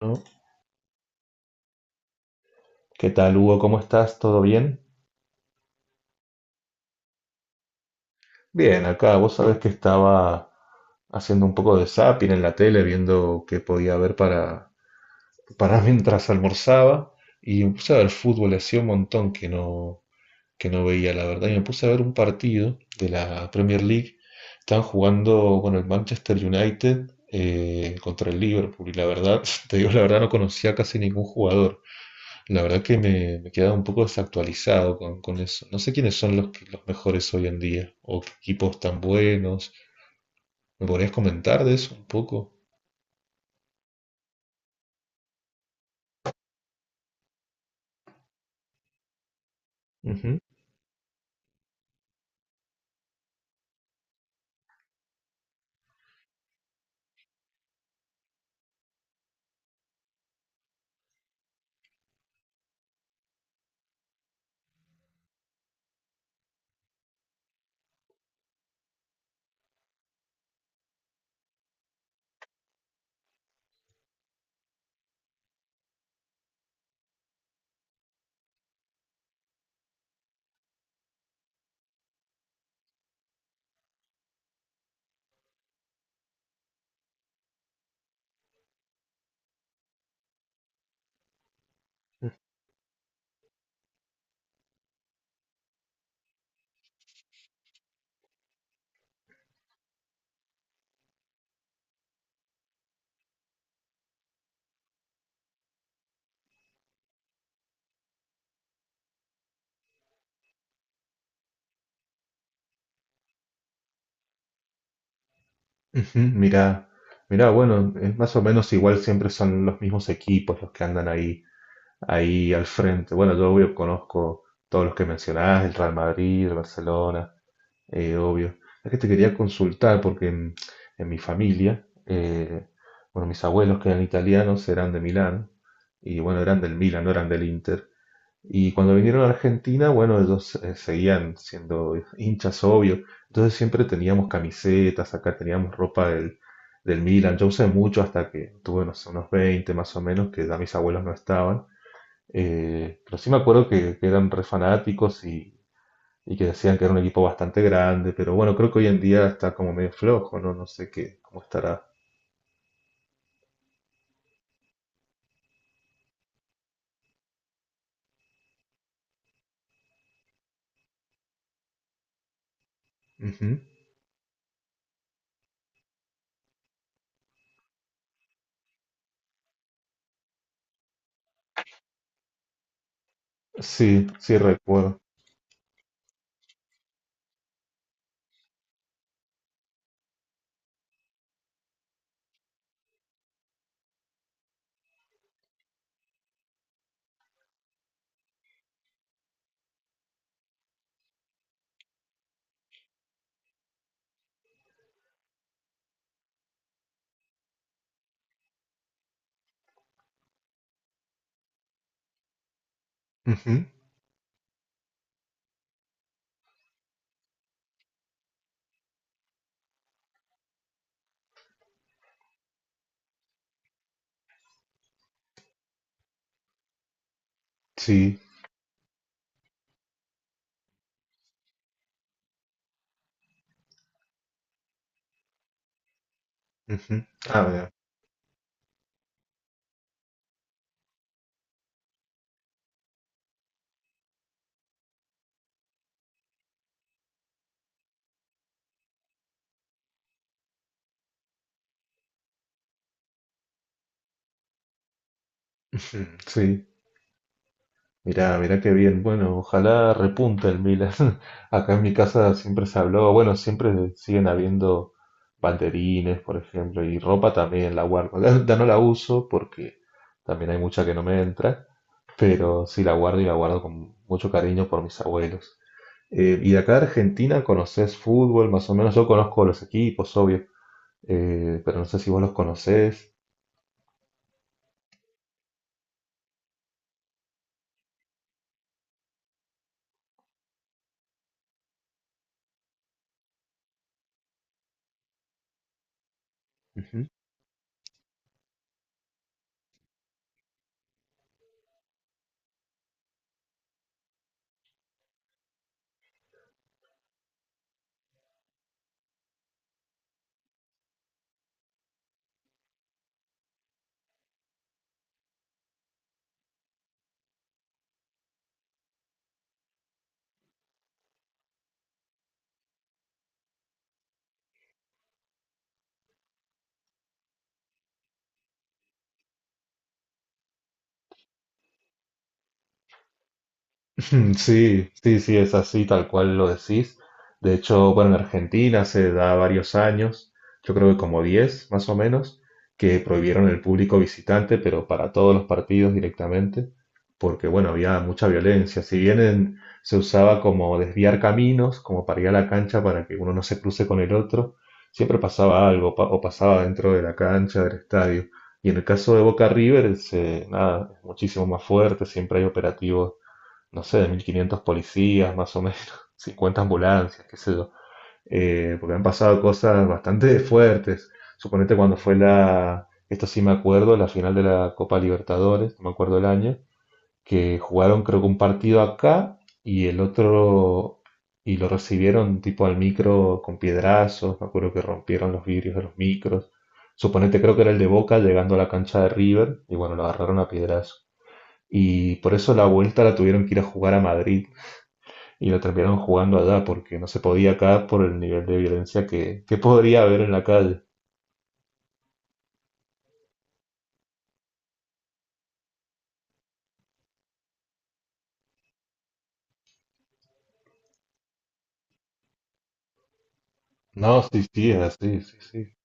¿No? ¿Qué tal, Hugo? ¿Cómo estás? ¿Todo bien? Bien, acá vos sabés que estaba haciendo un poco de zapping en la tele, viendo qué podía ver para mientras almorzaba. Y me puse a ver fútbol, hacía un montón que que no veía, la verdad. Y me puse a ver un partido de la Premier League. Estaban jugando con el Manchester United contra el Liverpool. Y la verdad, te digo la verdad, no conocía casi ningún jugador. La verdad que me he quedado un poco desactualizado con eso. No sé quiénes son los mejores hoy en día o qué equipos tan buenos. ¿Me podrías comentar de eso un poco? Ujú, ujú. Mira, mira, bueno, es más o menos igual, siempre son los mismos equipos los que andan ahí, ahí al frente. Bueno, yo obvio conozco todos los que mencionás, el Real Madrid, el Barcelona. Obvio. Es que te quería consultar porque en mi familia, bueno, mis abuelos que eran italianos eran de Milán y bueno, eran del Milan, no eran del Inter. Y cuando vinieron a Argentina, bueno, ellos seguían siendo hinchas, obvio. Entonces siempre teníamos camisetas, acá teníamos ropa del Milan. Yo usé mucho hasta que tuve, no sé, unos 20 más o menos, que ya mis abuelos no estaban. Pero sí me acuerdo que eran re fanáticos y que decían que era un equipo bastante grande, pero bueno, creo que hoy en día está como medio flojo, ¿no? No sé qué, cómo estará. Ujú. Sí, sí recuerdo. Ujú. Sí. Ujú. Ah, mira. Ujú. Sí. Mirá, mirá qué bien. Bueno, ojalá repunte el Milan. Acá en mi casa siempre se habló, bueno, siempre siguen habiendo banderines, por ejemplo, y ropa también la guardo. La no la uso porque también hay mucha que no me entra, pero sí la guardo y la guardo con mucho cariño por mis abuelos. Y de acá de Argentina, ¿conocés fútbol? Más o menos yo conozco los equipos, obvio, pero no sé si vos los conocés. Sí, sí, sí, es así, tal cual lo decís. De hecho, bueno, en Argentina se da varios años, yo creo que como 10, más o menos, que prohibieron el público visitante, pero para todos los partidos directamente, porque bueno, había mucha violencia. Si bien en- Se usaba como desviar caminos, como para ir a la cancha para que uno no se cruce con el otro, siempre pasaba algo, o pasaba dentro de la cancha, del estadio. Y en el caso de Boca River, nada, es muchísimo más fuerte, siempre hay operativos, no sé, de 1.500 policías más o menos, 50 ambulancias, qué sé yo. Porque han pasado cosas bastante fuertes. Suponete cuando fue esto sí me acuerdo, la final de la Copa Libertadores, no me acuerdo el año, que jugaron creo que un partido acá y el otro, y lo recibieron tipo al micro con piedrazos, me acuerdo que rompieron los vidrios de los micros. Suponete creo que era el de Boca llegando a la cancha de River y bueno, lo agarraron a piedrazos. Y por eso la vuelta la tuvieron que ir a jugar a Madrid, y lo terminaron jugando allá porque no se podía acá por el nivel de violencia que podría haber en la calle. No, sí, sí, es así, sí, sí.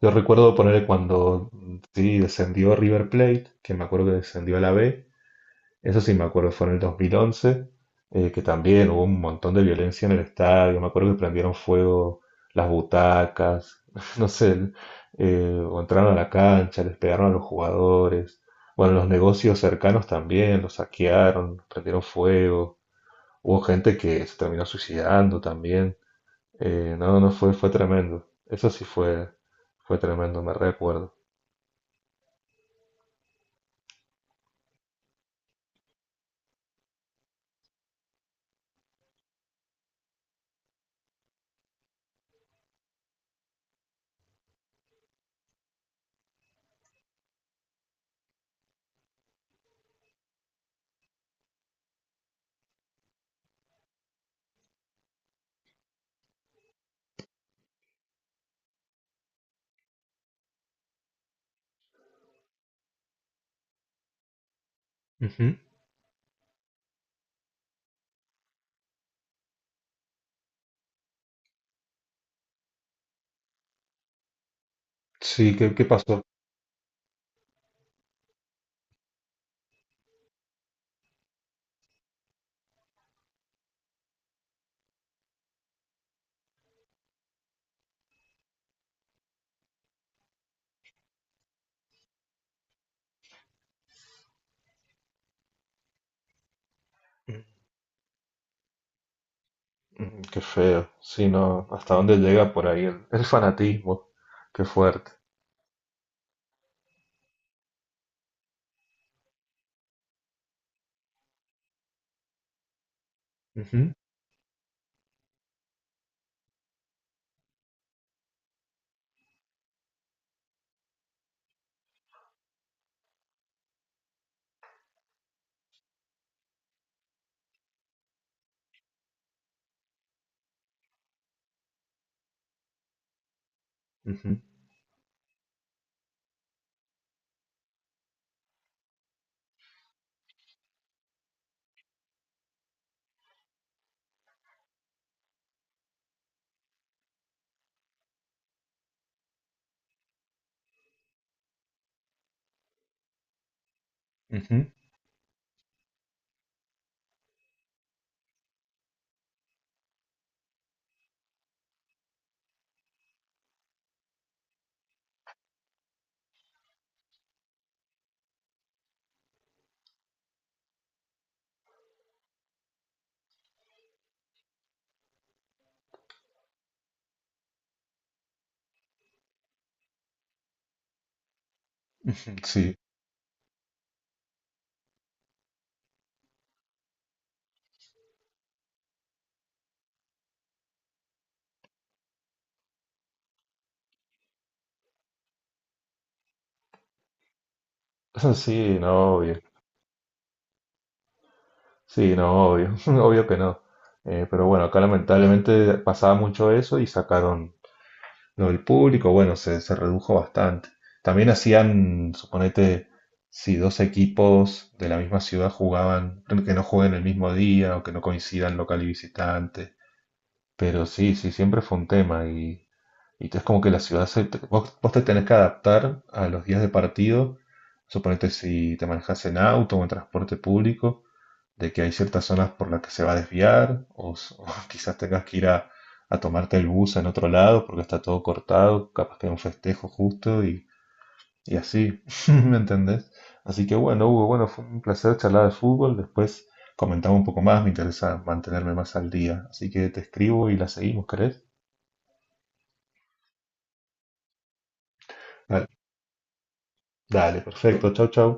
Yo recuerdo ponerle cuando sí descendió River Plate, que me acuerdo que descendió a la B, eso sí me acuerdo, fue en el 2011, que también hubo un montón de violencia en el estadio, me acuerdo que prendieron fuego las butacas, no sé, o entraron a la cancha, les pegaron a los jugadores, bueno, los negocios cercanos también, los saquearon, prendieron fuego. Hubo gente que se terminó suicidando también. No fue, fue tremendo. Eso sí fue, fue tremendo, me recuerdo. Ujú. Sí, ¿qué, qué pasó? Mm, qué feo. Sí, no, hasta dónde llega por ahí el fanatismo. Qué fuerte. Ujú, ujú, ujú, ujú. Sí. Sí, no, obvio. Sí, no, obvio. Obvio que no. Pero bueno, acá lamentablemente pasaba mucho eso y sacaron, lo del público, bueno, se redujo bastante. También hacían, suponete, si dos equipos de la misma ciudad jugaban, que no jueguen el mismo día o que no coincidan local y visitante. Pero sí, sí, siempre fue un tema y es como que la ciudad, se, vos, vos te tenés que adaptar a los días de partido. Suponete si te manejas en auto o en transporte público de que hay ciertas zonas por las que se va a desviar, o, o quizás tengas que ir a tomarte el bus en otro lado porque está todo cortado, capaz que hay un festejo justo y así, ¿me entendés? Así que bueno, Hugo, bueno, fue un placer charlar de fútbol, después comentamos un poco más, me interesa mantenerme más al día, así que te escribo y la seguimos, ¿querés? Dale, dale, perfecto, chau, chau.